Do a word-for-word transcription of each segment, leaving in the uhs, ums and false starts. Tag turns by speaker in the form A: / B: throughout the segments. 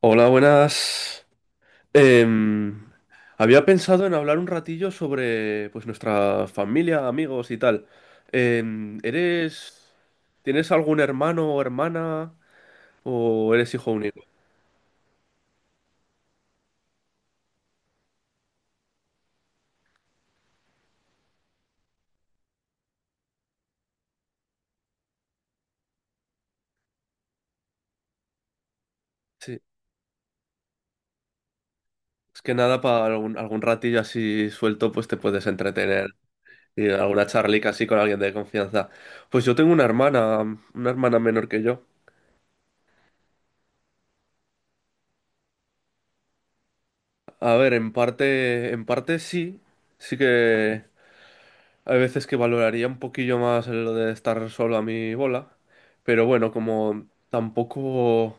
A: Hola, buenas. Em, Había pensado en hablar un ratillo sobre pues nuestra familia, amigos y tal. Em, ¿eres, tienes algún hermano o hermana o eres hijo único? Sí, es que nada, para algún, algún ratillo así suelto, pues te puedes entretener y alguna charlica así con alguien de confianza. Pues yo tengo una hermana, una hermana menor que yo. A ver, en parte, en parte sí, sí que. Hay veces que valoraría un poquillo más el de estar solo a mi bola, pero bueno, como tampoco,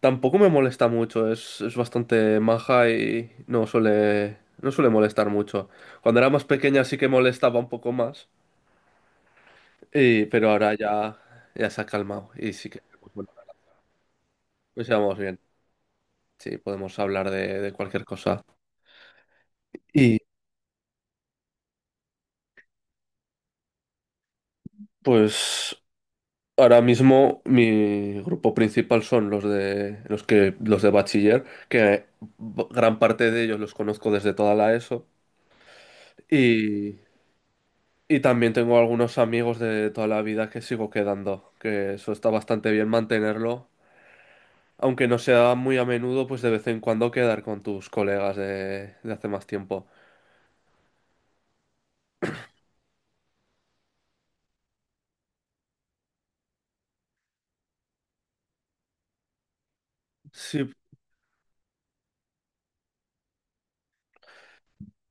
A: tampoco me molesta mucho, es, es bastante maja y no suele, no suele molestar mucho. Cuando era más pequeña sí que molestaba un poco más, y, pero ahora ya, ya se ha calmado y sí que pues bueno, nos llevamos bien, sí, podemos hablar de, de cualquier cosa. Y pues ahora mismo mi grupo principal son los de los que los de bachiller, que b- gran parte de ellos los conozco desde toda la ESO y, y también tengo algunos amigos de toda la vida que sigo quedando, que eso está bastante bien mantenerlo, aunque no sea muy a menudo, pues de vez en cuando quedar con tus colegas de, de hace más tiempo. Sí,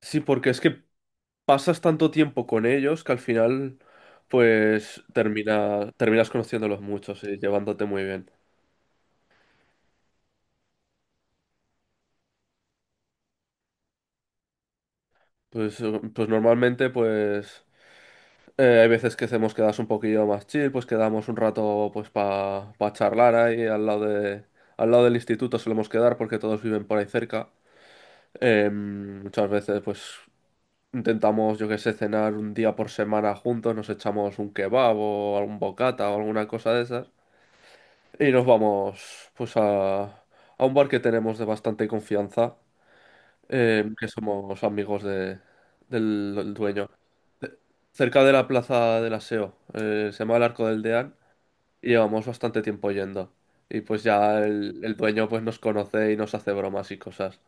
A: sí, porque es que pasas tanto tiempo con ellos que al final pues termina, terminas conociéndolos muchos y llevándote muy bien. Pues, eh, pues normalmente, pues eh, hay veces que hacemos quedas un poquillo más chill, pues quedamos un rato pues para charlar ahí al lado de, al lado del instituto solemos quedar porque todos viven por ahí cerca. Eh, muchas veces pues intentamos, yo que sé, cenar un día por semana juntos, nos echamos un kebab o algún bocata o alguna cosa de esas y nos vamos pues a, a un bar que tenemos de bastante confianza, eh, que somos amigos de, del del dueño. Cerca de la plaza del Aseo, eh, se llama el Arco del Deán, y llevamos bastante tiempo yendo. Y pues ya el, el dueño pues nos conoce y nos hace bromas y cosas.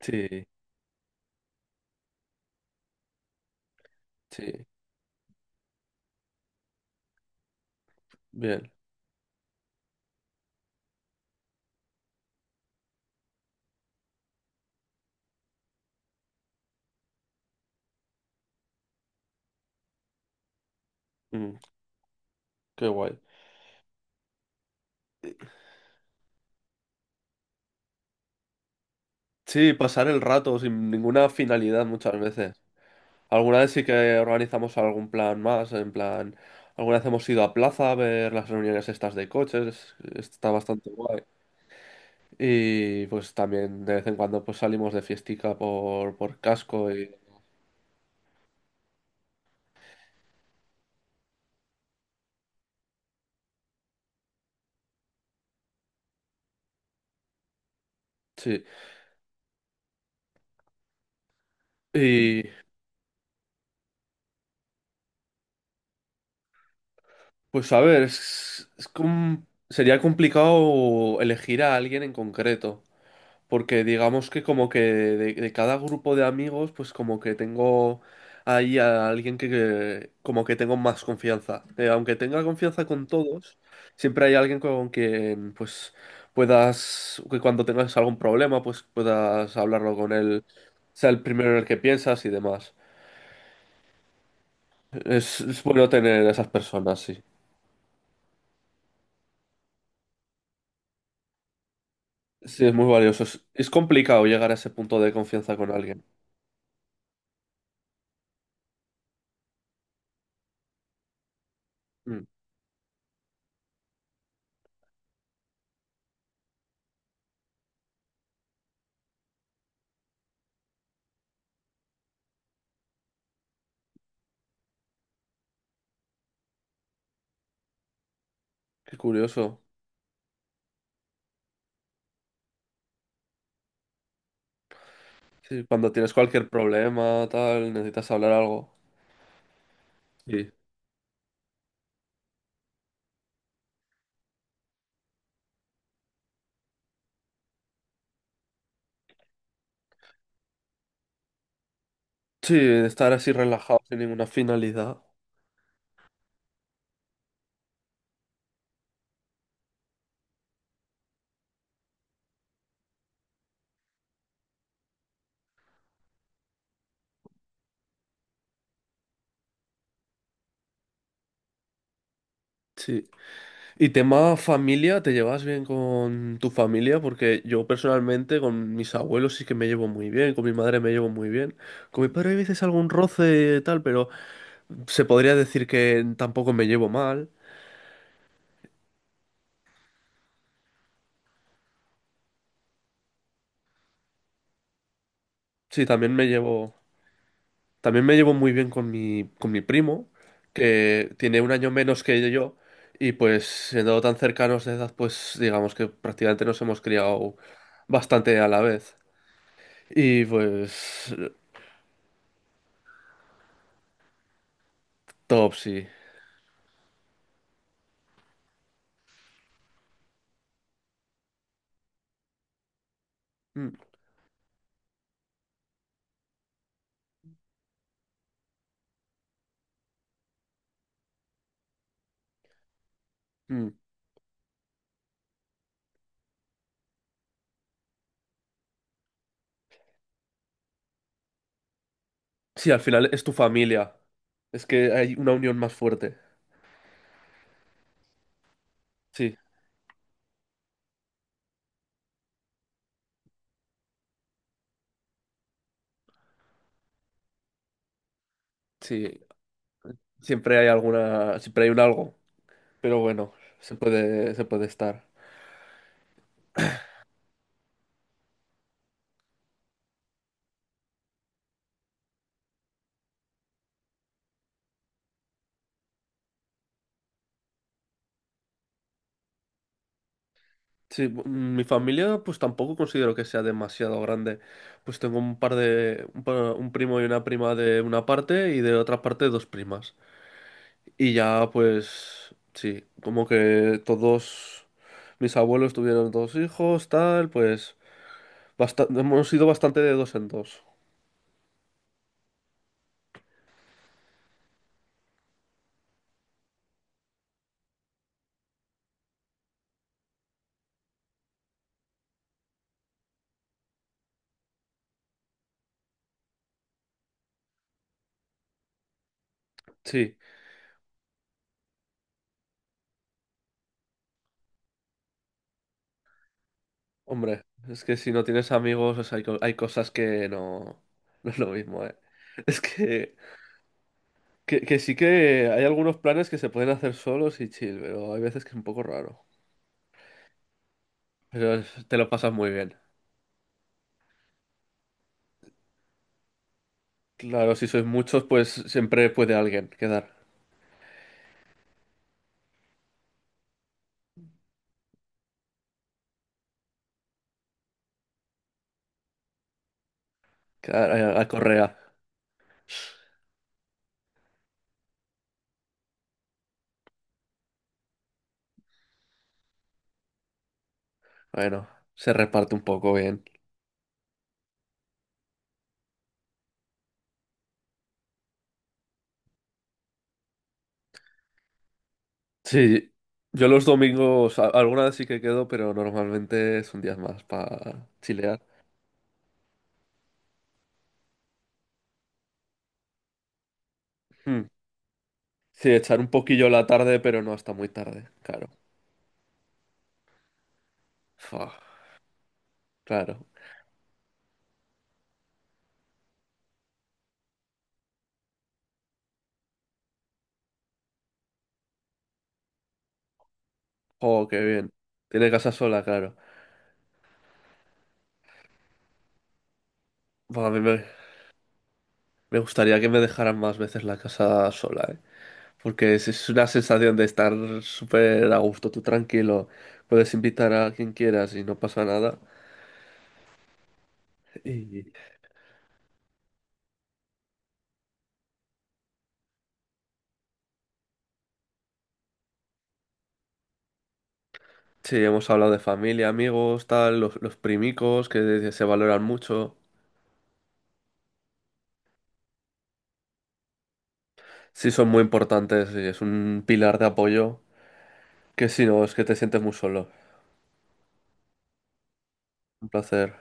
A: Sí. Sí, bien. Mm, qué guay. Sí, pasar el rato sin ninguna finalidad muchas veces. Alguna vez sí que organizamos algún plan más, en plan, alguna vez hemos ido a plaza a ver las reuniones estas de coches, está bastante guay. Y pues también de vez en cuando pues salimos de fiestica por, por casco y sí. Y pues a ver, es, es com- sería complicado elegir a alguien en concreto, porque digamos que como que de, de cada grupo de amigos, pues como que tengo ahí a alguien que, que como que tengo más confianza. Eh, aunque tenga confianza con todos, siempre hay alguien con quien pues puedas, que cuando tengas algún problema, pues puedas hablarlo con él, sea el primero en el que piensas y demás. Es, es bueno tener esas personas, sí. Sí, es muy valioso. Es, es complicado llegar a ese punto de confianza con alguien. Mm, qué curioso. Sí, cuando tienes cualquier problema, tal, necesitas hablar algo. Sí. Sí, estar así relajado sin ninguna finalidad. Sí. Y tema familia, ¿te llevas bien con tu familia? Porque yo personalmente con mis abuelos sí que me llevo muy bien, con mi madre me llevo muy bien. Con mi padre hay veces algún roce y tal, pero se podría decir que tampoco me llevo mal. Sí, también me llevo. También me llevo muy bien con mi, con mi primo, que tiene un año menos que yo, y pues siendo tan cercanos de edad, pues digamos que prácticamente nos hemos criado bastante a la vez. Y pues, top, sí. Mm, mm. Sí, al final es tu familia. Es que hay una unión más fuerte. Sí, sí. Siempre hay alguna, siempre hay un algo. Pero bueno, se puede, se puede estar. Sí, bu- mm, mi familia pues tampoco considero que sea demasiado grande. Pues tengo un par de, un, pa- un primo y una prima de una parte y de otra parte dos primas. Y ya pues sí, como que todos mis abuelos tuvieron dos hijos, tal, pues basta- hemos sido bastante de dos en dos. Sí, hombre, es que si no tienes amigos, o sea, hay, co- hay cosas que no, no es lo mismo, ¿eh? Es que Que, que sí que hay algunos planes que se pueden hacer solos y chill, pero hay veces que es un poco raro. Pero es- te lo pasas muy bien. Claro, si sois muchos, pues siempre puede alguien quedar, quedar a, a correa. Bueno, se reparte un poco bien. Sí, yo los domingos, a- alguna vez sí que quedo, pero normalmente es un día más para chilear. Hmm. Sí, echar un poquillo la tarde, pero no hasta muy tarde, claro. Fua, claro. Oh, qué bien. Tiene casa sola, claro. Buah, a mí me- Me gustaría que me dejaran más veces la casa sola, ¿eh? Porque es, es una sensación de estar súper a gusto, tú tranquilo, puedes invitar a quien quieras y no pasa nada. Y sí, hemos hablado de familia, amigos, tal, los, los primicos que se valoran mucho. Sí, son muy importantes y es un pilar de apoyo que si no, es que te sientes muy solo. Un placer.